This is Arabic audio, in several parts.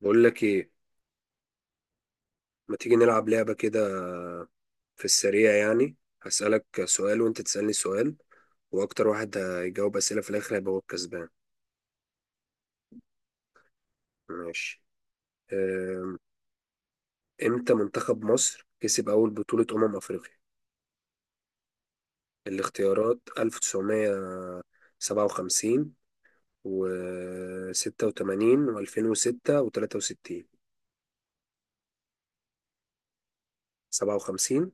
بقول لك ايه؟ ما تيجي نلعب لعبة كده، في السريع يعني. هسألك سؤال وانت تسألني سؤال، واكتر واحد هيجاوب أسئلة في الاخر هيبقى هو الكسبان. ماشي. أم، امتى منتخب مصر كسب اول بطولة افريقيا؟ الاختيارات 1957 و86 و2006 و63. 57.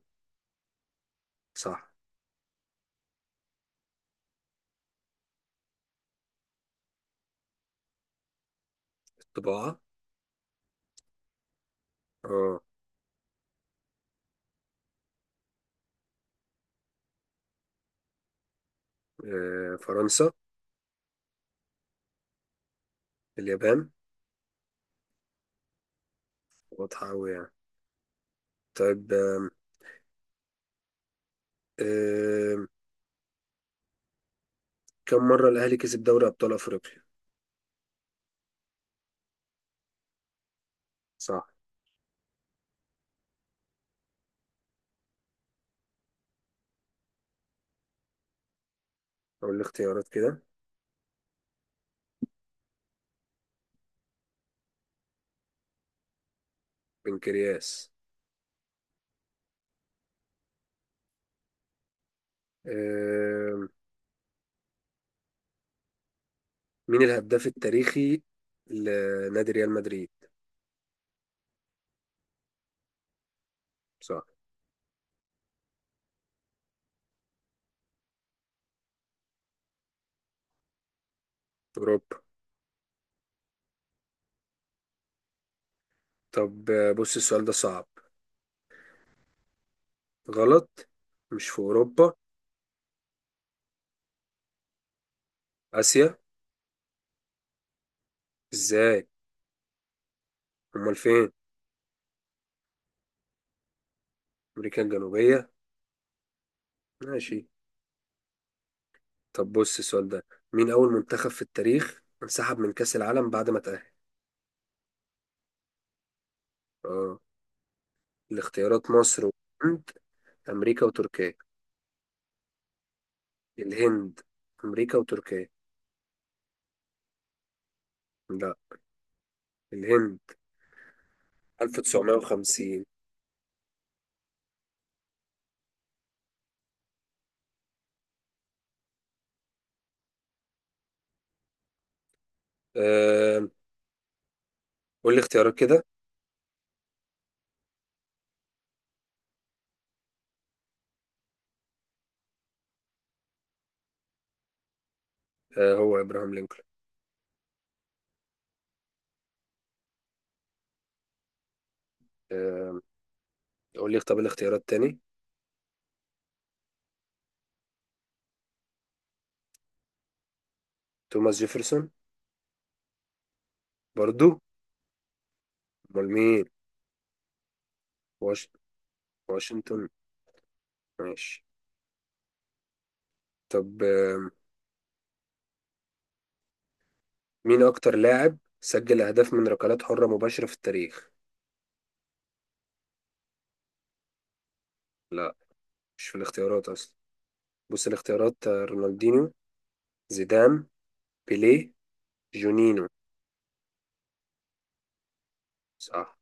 صح. الطباعة. اه. فرنسا. اليابان. واضحة أوي يعني. طيب. آه، كم مرة الأهلي كسب دوري أبطال أفريقيا؟ صح. أقول الاختيارات كده. بنكرياس. آه، مين الهداف التاريخي لنادي ريال مدريد؟ صح. أوروبا. طب بص السؤال ده صعب. غلط. مش في أوروبا. آسيا. إزاي؟ أمال فين؟ أمريكا الجنوبية. ماشي. طب بص السؤال ده، مين أول منتخب في التاريخ انسحب من كأس العالم بعد ما تأهل؟ اه. الاختيارات مصر وهند أمريكا وتركيا. الهند. أمريكا وتركيا. لا، الهند. 1950. آه، قول لي اختيارات كده. هو إبراهام لينكولن. آه، قول لي طب الاختيارات تاني. توماس جيفرسون. برضو. أمال مين؟ واش... واشنطن. ماشي. طب مين أكتر لاعب سجل أهداف من ركلات حرة مباشرة في التاريخ؟ لا، مش في الاختيارات أصلا. بص الاختيارات رونالدينيو، زيدان، بيليه، جونينو. صح.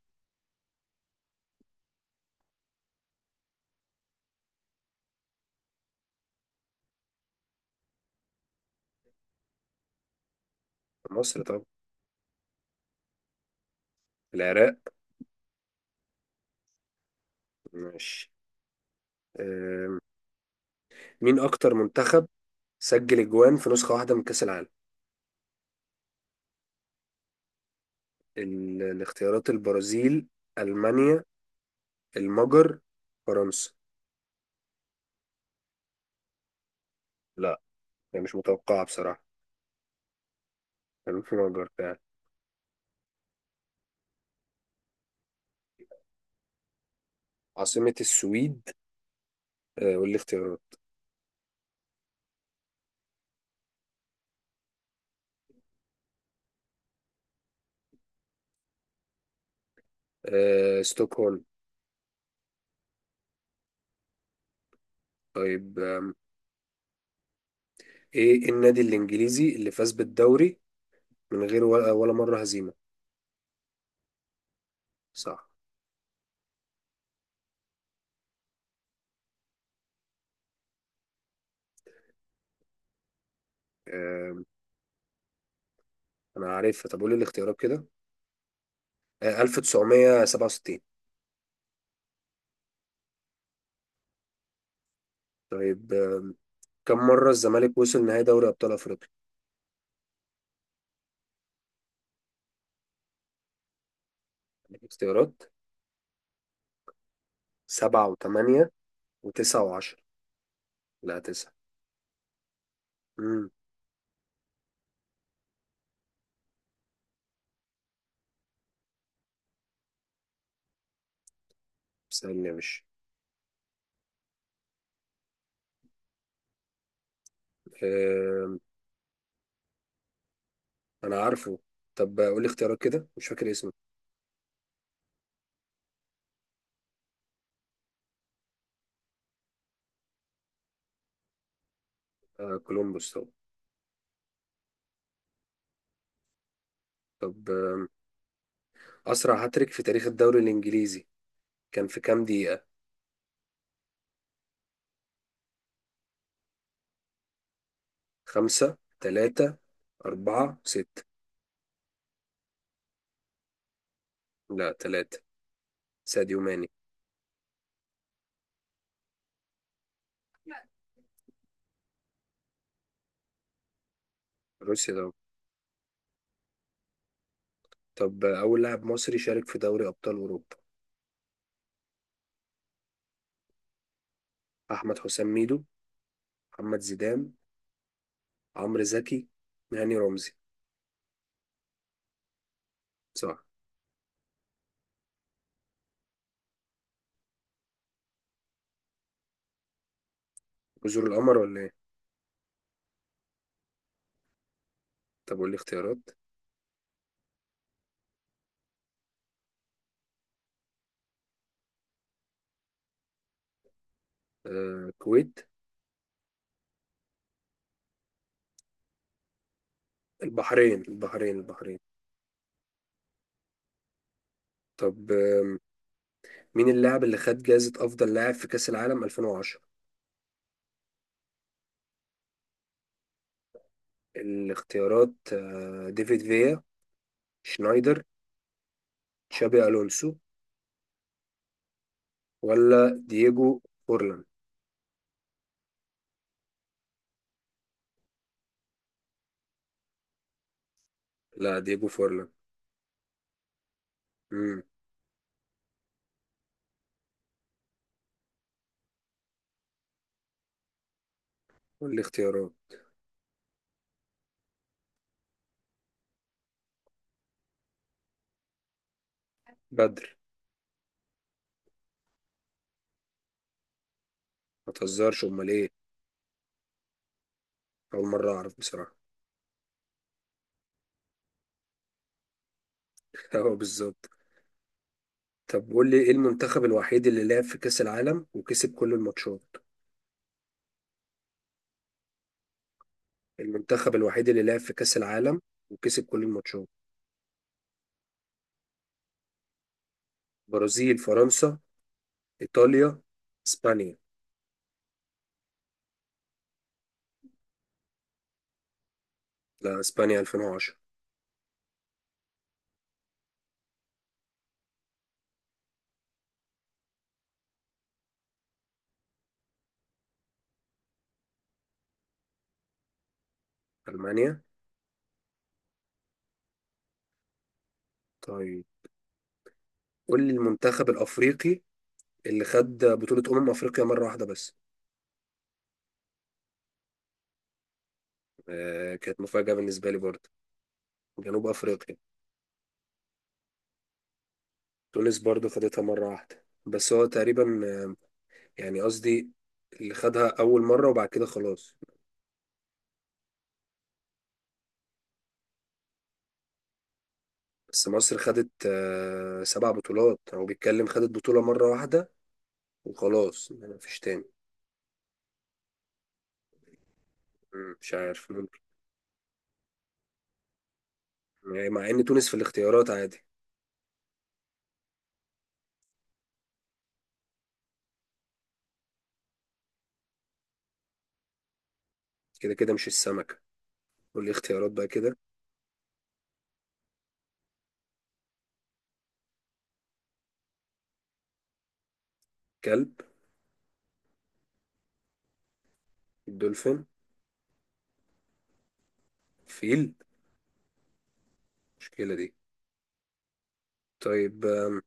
في مصر طب. العراق. ماشي. آه، مين أكتر منتخب سجل أجوان في نسخة واحدة من كأس العالم؟ الاختيارات البرازيل، ألمانيا، المجر، فرنسا. لا، هي مش متوقعة بصراحة. كان في مجر فعلا. عاصمة السويد. قول لي اختيارات. ستوكهولم. طيب إيه النادي الإنجليزي اللي فاز بالدوري من غير ولا مرة هزيمة؟ صح. آم، أنا عارفها. طب قول لي الاختيارات كده. 1967. طيب كم مرة الزمالك وصل نهائي دوري أبطال أفريقيا؟ اختيارات. سبعة وثمانية وتسعة وعشرة. لا، تسعة. امم. سألني يا باشا. آم، أنا عارفه. طب قول لي اختيارات كده، مش فاكر اسمه. آه، كولومبوس طبعا. طب أسرع هاتريك في تاريخ الدوري الإنجليزي كان في كام دقيقة؟ خمسة، تلاتة، أربعة، ستة. لا تلاتة. ساديو ماني. روسيا طبعا. طب أول لاعب مصري شارك في دوري أبطال أوروبا. أحمد حسام ميدو، محمد زيدان، عمرو زكي، هاني رمزي. صح. جزر القمر ولا إيه؟ طب قول لي اختيارات. الكويت. البحرين، البحرين، البحرين. طب مين اللاعب اللي خد جائزة أفضل لاعب في كأس العالم 2010؟ الاختيارات ديفيد فيا، شنايدر، تشابي ألونسو، ولا دييجو فورلان. لا، دييجو فورلان. امم. والاختيارات. بدر. ما تهزرش، امال ايه؟ اول مره اعرف بصراحه. اه، بالظبط. طب قول لي، ايه المنتخب الوحيد اللي لعب في كأس العالم وكسب كل الماتشات؟ المنتخب الوحيد اللي لعب في كأس العالم وكسب كل الماتشات. برازيل، فرنسا، إيطاليا، إسبانيا. لا، إسبانيا 2010. ألمانيا. طيب، قول لي المنتخب الأفريقي اللي خد بطولة أمم أفريقيا مرة واحدة بس. آه، كانت مفاجأة بالنسبة لي برضه. جنوب أفريقيا. تونس برضه خدتها مرة واحدة بس، هو تقريبا. يعني قصدي اللي خدها أول مرة وبعد كده خلاص. بس مصر خدت آه سبع بطولات، هو بيتكلم خدت بطولة مرة واحدة وخلاص، يعني مفيش تاني. مش عارف، ممكن. يعني مع إن تونس في الاختيارات عادي. كده كده، مش السمكة؟ قول لي اختيارات بقى كده. كلب. دولفين. فيل. المشكلة دي. طيب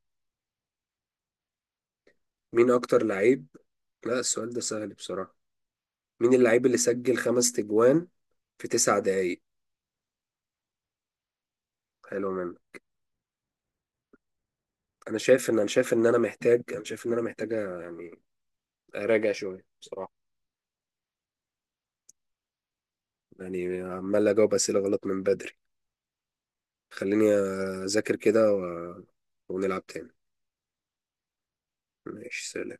مين أكتر لعيب؟ لا، السؤال ده سهل بصراحة. مين اللعيب اللي سجل خمس تجوان في تسع دقايق؟ حلو منه. أنا شايف إن أنا محتاج يعني أراجع شوية بصراحة. يعني عمال أجاوب أسئلة غلط من بدري. خليني أذاكر كده ونلعب تاني. ماشي، سلام.